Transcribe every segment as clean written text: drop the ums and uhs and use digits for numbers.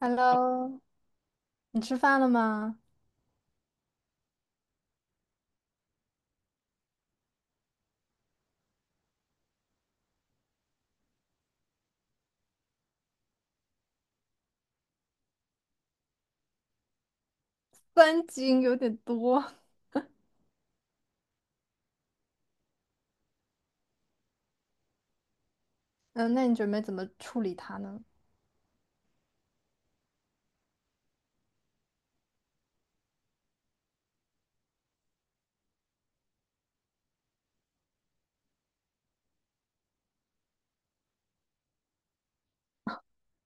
Hello，你吃饭了吗？3斤有点多。嗯，那你准备怎么处理它呢？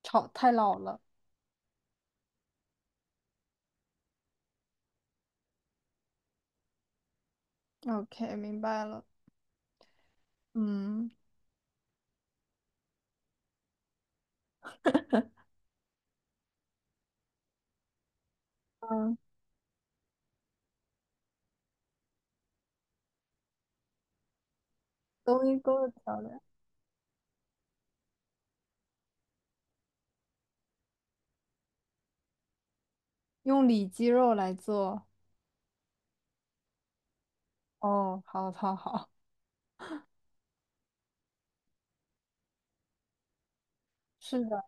炒太老了。OK，明白了。嗯嗯，冬阴功的调料用里脊肉来做。哦，好，好，好。是的，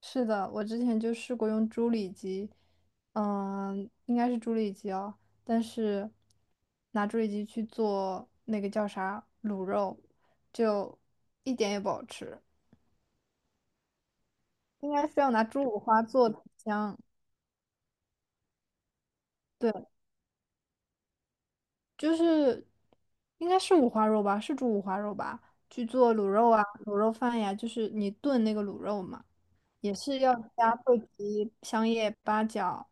是的，我之前就试过用猪里脊，嗯，应该是猪里脊哦，但是拿猪里脊去做那个叫啥卤肉，就一点也不好吃。应该是要拿猪五花做的香，对，就是应该是五花肉吧，是猪五花肉吧？去做卤肉啊，卤肉饭呀，就是你炖那个卤肉嘛，也是要加桂皮、香叶、八角，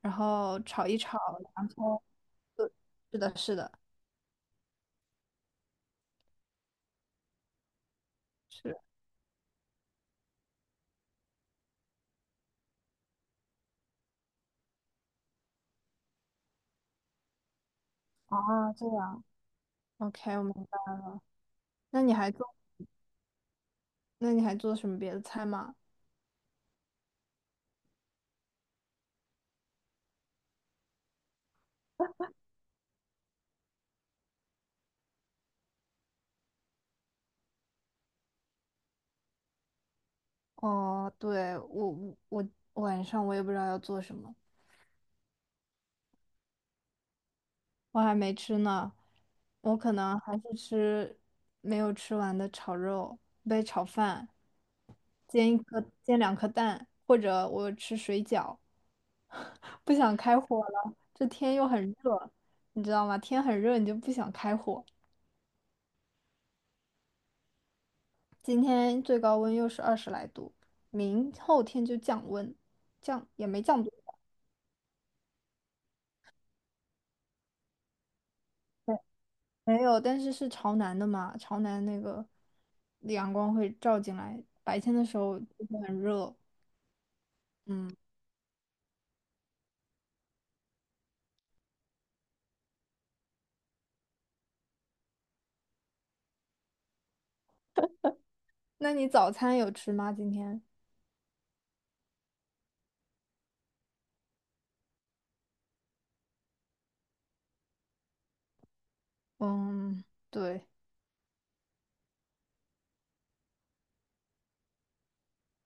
然后炒一炒洋葱。对，是的，是的，是啊，这样，OK，我明白。那你还做，那你还做什么别的菜吗？哦，对，我我晚上我也不知道要做什么。我还没吃呢，我可能还是吃没有吃完的炒肉，杯炒饭，煎两颗蛋，或者我吃水饺。不想开火了，这天又很热，你知道吗？天很热，你就不想开火。今天最高温又是20来度，明后天就降温，降也没降多少，没有，但是是朝南的嘛，朝南那个阳光会照进来，白天的时候就会很热。嗯，那你早餐有吃吗？今天？嗯，对，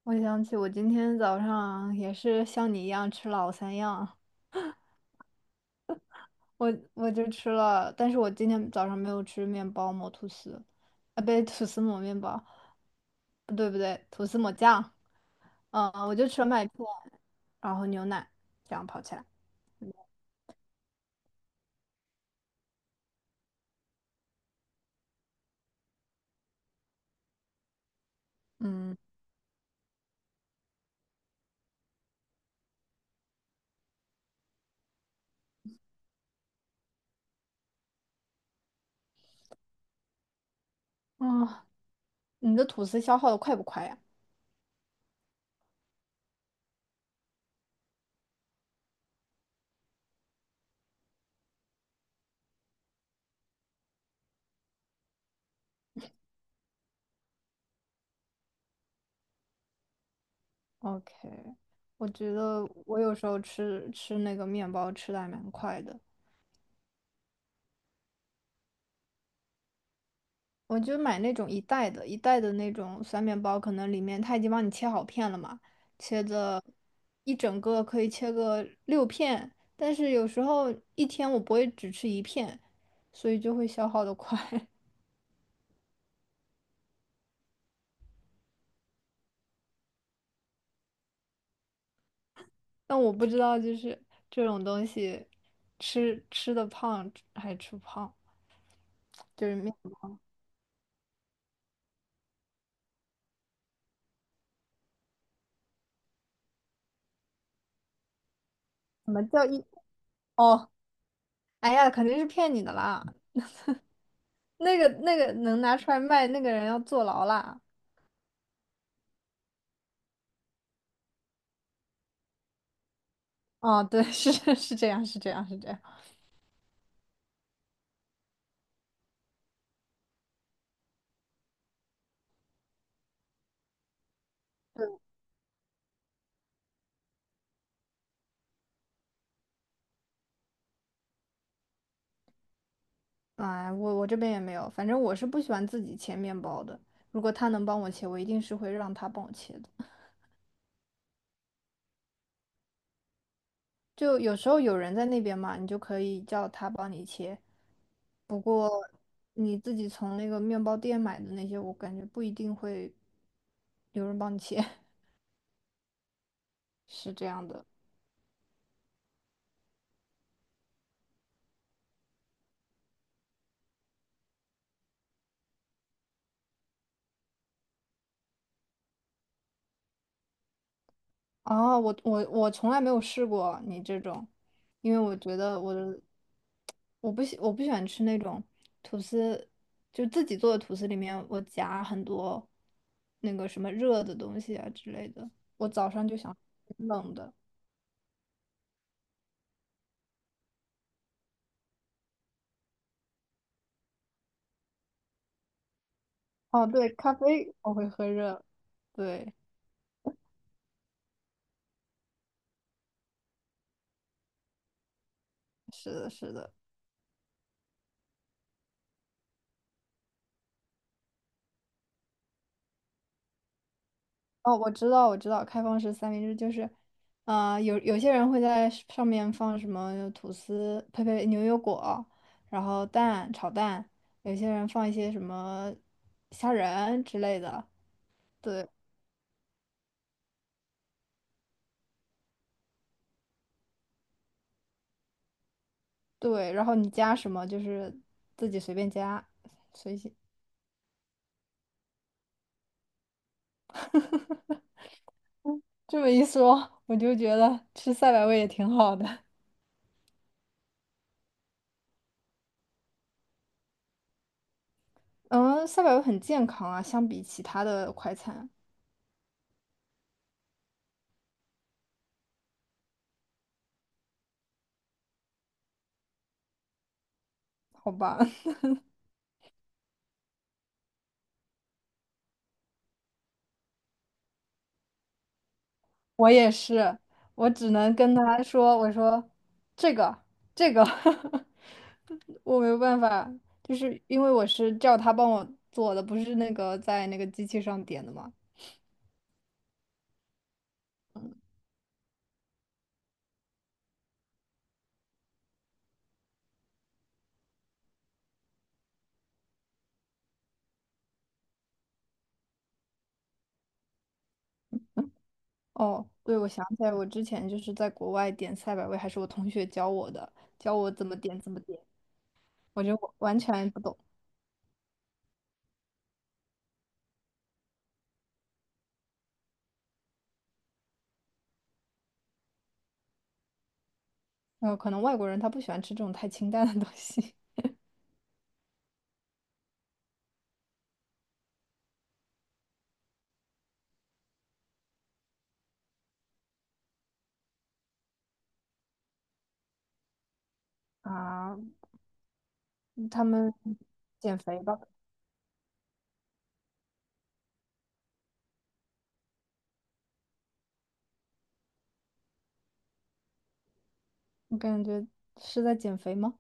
我想起我今天早上也是像你一样吃老三样，我就吃了，但是我今天早上没有吃面包抹吐司，啊，不对，吐司抹面包，不对不对，吐司抹酱，嗯，我就吃了麦片，然后牛奶，这样跑起来。嗯，哦，你的吐司消耗的快不快呀？OK，我觉得我有时候吃那个面包吃的还蛮快的，我就买那种一袋的那种酸面包，可能里面它已经帮你切好片了嘛，切的一整个可以切个六片，但是有时候一天我不会只吃一片，所以就会消耗的快。但我不知道就是这种东西吃的胖还吃不胖，就是面怎么叫一哦。哎呀，肯定是骗你的啦！那个能拿出来卖，那个人要坐牢啦。哦，对，是 是这样，是这样，是这样。哎，我这边也没有，反正我是不喜欢自己切面包的。如果他能帮我切，我一定是会让他帮我切的。就有时候有人在那边嘛，你就可以叫他帮你切。不过你自己从那个面包店买的那些，我感觉不一定会有人帮你切，是这样的。哦，我从来没有试过你这种，因为我觉得我不喜欢吃那种吐司，就自己做的吐司里面我夹很多那个什么热的东西啊之类的。我早上就想吃冷的。哦，对，咖啡我会喝热。对，是的，是的。哦，我知道，我知道，开放式三明治就是，啊、有些人会在上面放什么吐司、呸呸，牛油果，然后蛋、炒蛋，有些人放一些什么虾仁之类的，对对，然后你加什么就是自己随便加，随性。这么一说，我就觉得吃赛百味也挺好的。嗯，赛百味很健康啊，相比其他的快餐，好吧。我也是，我只能跟他说，我说这个这个，我没有办法，就是因为我是叫他帮我做的，不是那个在那个机器上点的嘛。哦，对，我想起来，我之前就是在国外点赛百味，还是我同学教我的，教我怎么点怎么点，我就完全不懂。可能外国人他不喜欢吃这种太清淡的东西 啊，他们减肥吧，我感觉是在减肥吗？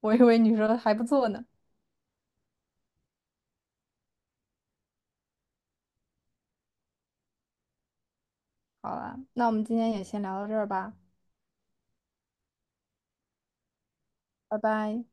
我以为你说还不错呢。好了，那我们今天也先聊到这儿吧，拜拜。